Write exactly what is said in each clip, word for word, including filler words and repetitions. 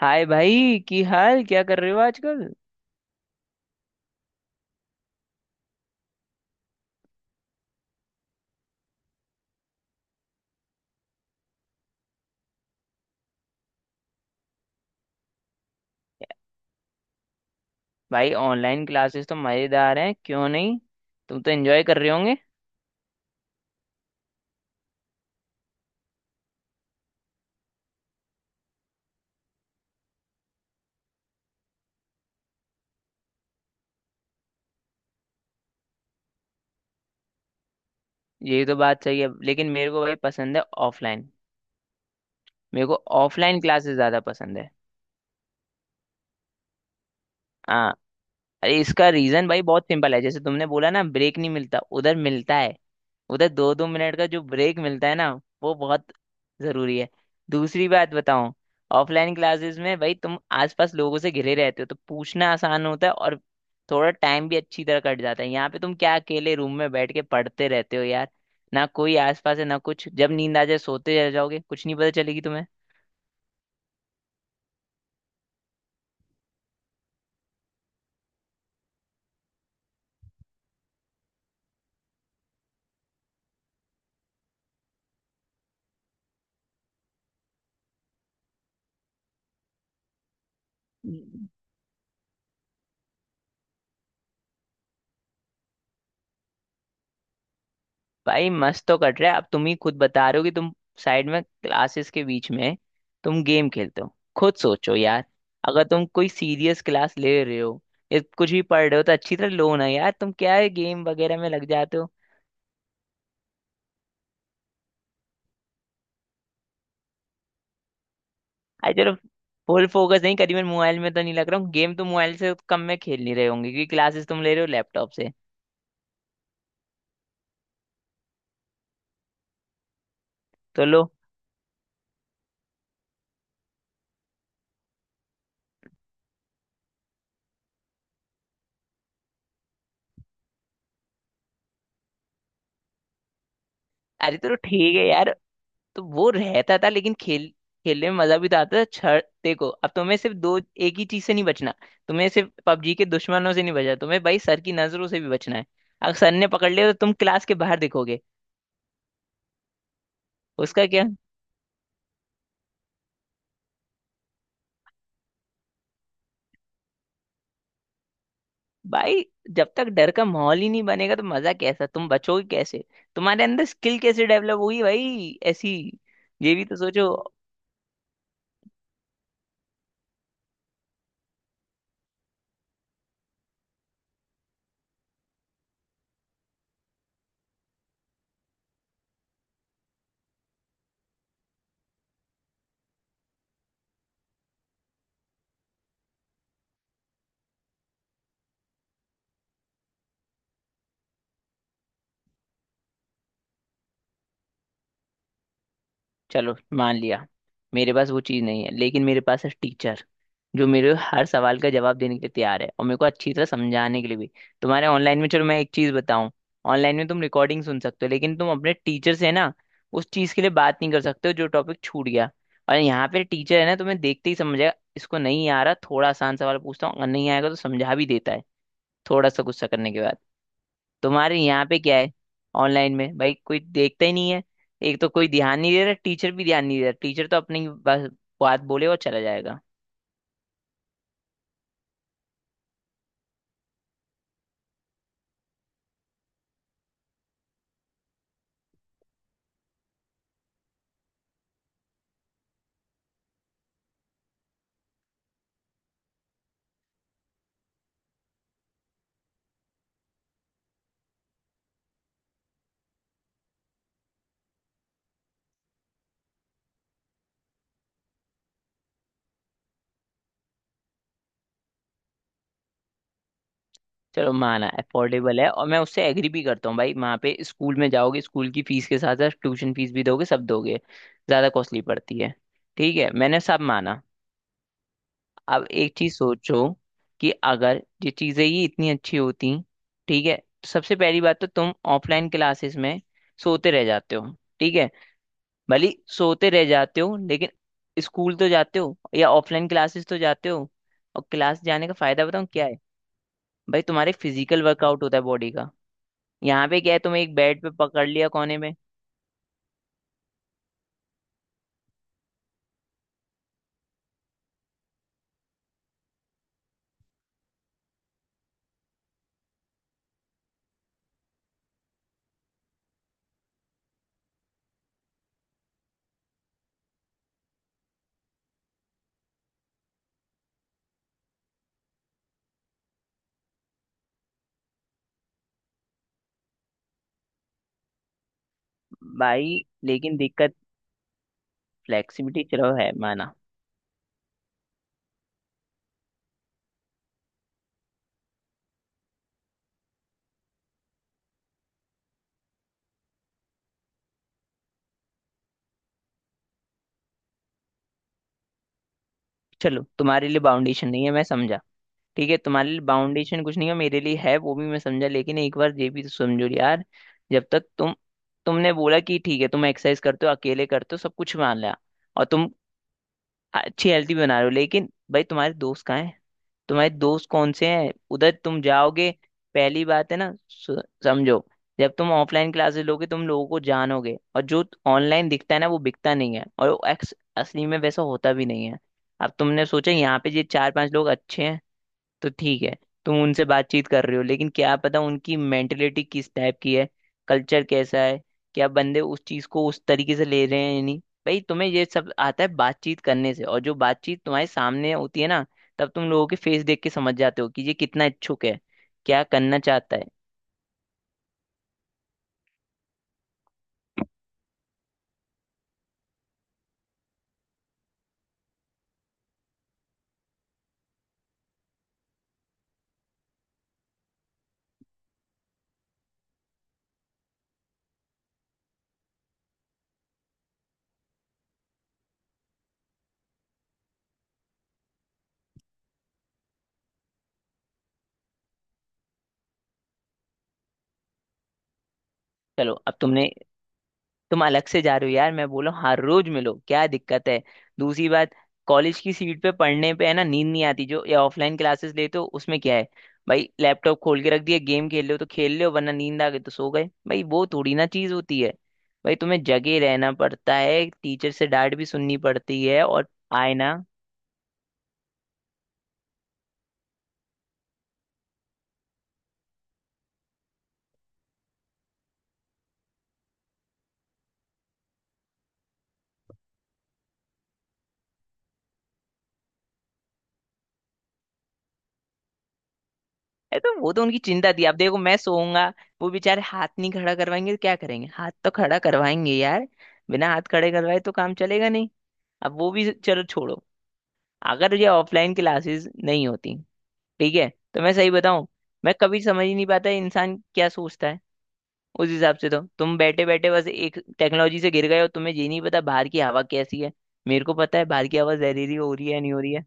हाय भाई की हाल क्या कर रहे हो आजकल। भाई ऑनलाइन क्लासेस तो मजेदार हैं, क्यों नहीं। तुम तो एंजॉय कर रहे होंगे। यही तो बात सही है, लेकिन मेरे को भाई पसंद है ऑफलाइन। मेरे को ऑफलाइन क्लासेस ज्यादा पसंद है। हाँ। अरे इसका रीजन भाई बहुत सिंपल है, जैसे तुमने बोला ना ब्रेक नहीं मिलता, उधर मिलता है। उधर दो दो मिनट का जो ब्रेक मिलता है ना, वो बहुत जरूरी है। दूसरी बात बताऊं, ऑफलाइन क्लासेस में भाई तुम आसपास लोगों से घिरे रहते हो, तो पूछना आसान होता है और थोड़ा टाइम भी अच्छी तरह कट जाता है। यहाँ पे तुम क्या अकेले रूम में बैठ के पढ़ते रहते हो यार, ना कोई आसपास है ना कुछ, जब नींद आ जाए सोते रह जाओगे, कुछ नहीं पता चलेगी तुम्हें। भाई मस्त तो कट रहा है, अब तुम ही खुद बता रहे हो कि तुम साइड में क्लासेस के बीच में तुम गेम खेलते हो। खुद सोचो यार, अगर तुम कोई सीरियस क्लास ले रहे हो या कुछ भी पढ़ रहे हो तो अच्छी तरह लो ना यार, तुम क्या है गेम वगैरह में लग जाते हो। अरे चलो, फुल फोकस नहीं करीबन, मोबाइल में तो नहीं लग रहा हूँ। गेम तो मोबाइल से कम में खेल नहीं रहे होंगे क्योंकि क्लासेस तुम ले रहे हो लैपटॉप से। तो लो। अरे तो ठीक है यार, तो वो रहता था लेकिन खेल, खेलने में मजा भी तो आता था। छड़ देखो, अब तुम्हें सिर्फ दो, एक ही चीज से नहीं बचना। तुम्हें सिर्फ पबजी के दुश्मनों से नहीं बचना, तुम्हें भाई सर की नजरों से भी बचना है। अगर सर ने पकड़ लिया तो तुम क्लास के बाहर दिखोगे। उसका क्या। भाई जब तक डर का माहौल ही नहीं बनेगा तो मजा कैसा, तुम बचोगे कैसे, तुम्हारे अंदर स्किल कैसे डेवलप होगी भाई ऐसी। ये भी तो सोचो। चलो मान लिया, मेरे पास वो चीज़ नहीं है, लेकिन मेरे पास है टीचर, जो मेरे हर सवाल का जवाब देने के लिए तैयार है और मेरे को अच्छी तरह समझाने के लिए भी। तुम्हारे ऑनलाइन में, चलो मैं एक चीज़ बताऊं, ऑनलाइन में तुम रिकॉर्डिंग सुन सकते हो, लेकिन तुम अपने टीचर से ना उस चीज़ के लिए बात नहीं कर सकते हो जो टॉपिक छूट गया। और यहाँ पे टीचर है ना, तुम्हें देखते ही समझ जाएगा इसको नहीं आ रहा, थोड़ा आसान सवाल पूछता हूँ, अगर नहीं आएगा तो समझा भी देता है, थोड़ा सा गुस्सा करने के बाद। तुम्हारे यहाँ पे क्या है, ऑनलाइन में भाई कोई देखता ही नहीं है। एक तो कोई ध्यान नहीं दे रहा, टीचर भी ध्यान नहीं दे रहा, टीचर तो अपनी बस बात बोले और चला जाएगा। चलो, माना अफोर्डेबल है, और मैं उससे एग्री भी करता हूँ। भाई वहाँ पे स्कूल में जाओगे, स्कूल की फीस के साथ साथ ट्यूशन फीस भी दोगे, सब दोगे, ज़्यादा कॉस्टली पड़ती है। ठीक है, मैंने सब माना। अब एक चीज़ सोचो कि अगर ये चीज़ें ही इतनी अच्छी होती, ठीक है, तो सबसे पहली बात तो तुम ऑफलाइन क्लासेस में सोते रह जाते हो, ठीक है। भले ही सोते रह जाते हो लेकिन स्कूल तो जाते हो, या ऑफलाइन क्लासेस तो जाते हो। और क्लास जाने का फायदा बताऊँ क्या है। भाई तुम्हारे फिजिकल वर्कआउट होता है बॉडी का। यहाँ पे क्या है, तुम्हें एक बेड पे पकड़ लिया कोने में। भाई लेकिन दिक्कत, फ्लेक्सिबिलिटी चलो है माना। चलो तुम्हारे लिए बाउंडेशन नहीं है, मैं समझा। ठीक है, तुम्हारे लिए बाउंडेशन कुछ नहीं है, मेरे लिए है, वो भी मैं समझा, लेकिन एक बार ये भी तो समझो यार। जब तक तुम, तुमने बोला कि ठीक है तुम एक्सरसाइज करते हो, अकेले करते हो, सब कुछ मान लिया, और तुम अच्छी हेल्दी बना रहे हो, लेकिन भाई तुम्हारे दोस्त कहाँ हैं, तुम्हारे दोस्त कौन से हैं, उधर तुम जाओगे। पहली बात है ना, सु- समझो, जब तुम ऑफलाइन क्लासेस लोगे तुम लोगों को जानोगे, और जो ऑनलाइन दिखता है ना वो बिकता नहीं है, और वो एक्स असली में वैसा होता भी नहीं है। अब तुमने सोचा यहाँ पे ये चार पांच लोग अच्छे हैं तो ठीक है, तुम उनसे बातचीत कर रहे हो, लेकिन क्या पता उनकी मेंटेलिटी किस टाइप की है, कल्चर कैसा है, क्या बंदे उस चीज को उस तरीके से ले रहे हैं या नहीं। भाई तुम्हें ये सब आता है बातचीत करने से, और जो बातचीत तुम्हारे सामने होती है ना, तब तुम लोगों के फेस देख के समझ जाते हो कि ये कितना इच्छुक है, क्या करना चाहता है। चलो अब तुमने, तुम अलग से जा रहे हो यार, मैं बोला हूँ, हर रोज मिलो क्या दिक्कत है। दूसरी बात, कॉलेज की सीट पे पढ़ने पे है ना नींद नहीं आती, जो ये ऑफलाइन क्लासेस लेते हो उसमें क्या है, भाई लैपटॉप खोल के रख दिया, गेम खेल रहे हो तो खेल रहे हो, वरना नींद आ गई तो सो गए, भाई वो थोड़ी ना चीज होती है। भाई तुम्हें जगे रहना पड़ता है, टीचर से डांट भी सुननी पड़ती है, और आए ना। ए तो वो तो उनकी चिंता थी, अब देखो मैं सोऊंगा, वो बेचारे हाथ नहीं खड़ा करवाएंगे तो क्या करेंगे, हाथ तो खड़ा करवाएंगे यार। बिना हाथ खड़े करवाए तो काम चलेगा नहीं। अब वो भी चलो छोड़ो, अगर ये ऑफलाइन क्लासेस नहीं होती, ठीक है, तो मैं सही बताऊं, मैं कभी समझ ही नहीं पाता इंसान क्या सोचता है। उस हिसाब से तो तुम बैठे बैठे बस एक टेक्नोलॉजी से गिर गए हो, तुम्हें ये नहीं पता बाहर की हवा कैसी है। मेरे को पता है बाहर की हवा जहरीली हो रही है नहीं हो रही है।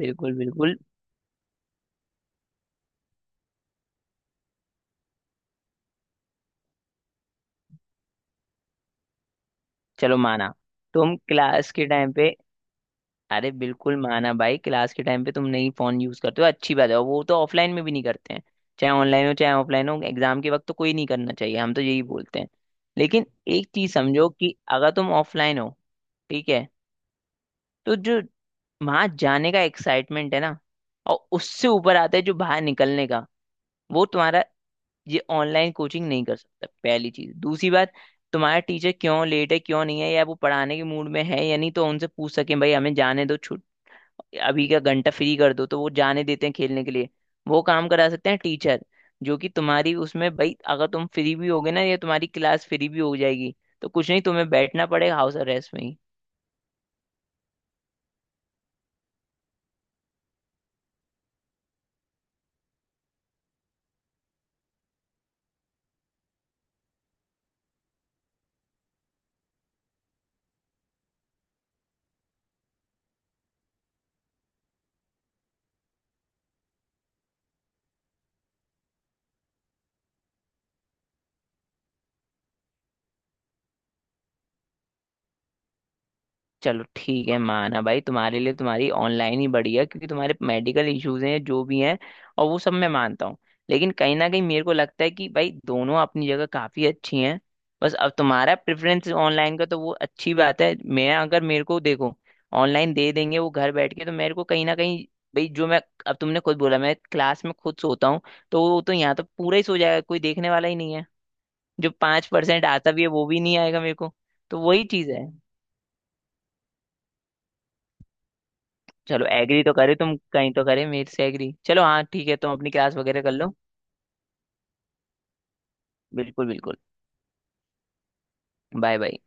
बिल्कुल बिल्कुल। चलो माना, तुम क्लास के टाइम पे। अरे बिल्कुल माना भाई, क्लास के टाइम पे तुम नहीं फोन यूज करते हो, अच्छी बात है, और वो तो ऑफलाइन में भी नहीं करते हैं। चाहे ऑनलाइन हो चाहे ऑफलाइन हो, एग्जाम के वक्त तो कोई नहीं करना चाहिए, हम तो यही बोलते हैं। लेकिन एक चीज समझो कि अगर तुम ऑफलाइन हो, ठीक है, तो जो वहां जाने का एक्साइटमेंट है ना, और उससे ऊपर आता है जो बाहर निकलने का, वो तुम्हारा, ये ऑनलाइन कोचिंग नहीं कर सकता। पहली चीज, दूसरी बात, तुम्हारा टीचर क्यों लेट है क्यों नहीं है, या वो पढ़ाने के मूड में है या नहीं, तो उनसे पूछ सकें भाई हमें जाने दो, अभी का घंटा फ्री कर दो, तो वो जाने देते हैं खेलने के लिए। वो काम करा सकते हैं टीचर, जो कि तुम्हारी उसमें भाई अगर तुम फ्री भी होगे ना, या तुम्हारी क्लास फ्री भी हो जाएगी, तो कुछ नहीं तुम्हें बैठना पड़ेगा हाउस अरेस्ट में ही। चलो ठीक है, माना भाई तुम्हारे लिए तुम्हारी ऑनलाइन ही बढ़िया, क्योंकि तुम्हारे मेडिकल इश्यूज हैं जो भी हैं, और वो सब मैं मानता हूँ। लेकिन कहीं ना कहीं मेरे को लगता है कि भाई दोनों अपनी जगह काफी अच्छी हैं। बस अब तुम्हारा प्रेफरेंस ऑनलाइन का तो वो अच्छी बात है। मैं अगर मेरे को देखो, ऑनलाइन दे देंगे वो घर बैठ के, तो मेरे को कहीं ना कहीं, भाई जो मैं, अब तुमने खुद बोला मैं क्लास में खुद सोता हूँ, तो वो तो यहाँ तो पूरा ही सो जाएगा, कोई देखने वाला ही नहीं है। जो पांच परसेंट आता भी है वो भी नहीं आएगा मेरे को। तो वही चीज है। चलो एग्री तो करे, तुम कहीं तो करे मेरे से एग्री, चलो हाँ ठीक है, तुम अपनी क्लास वगैरह कर लो। बिल्कुल बिल्कुल। Bye bye.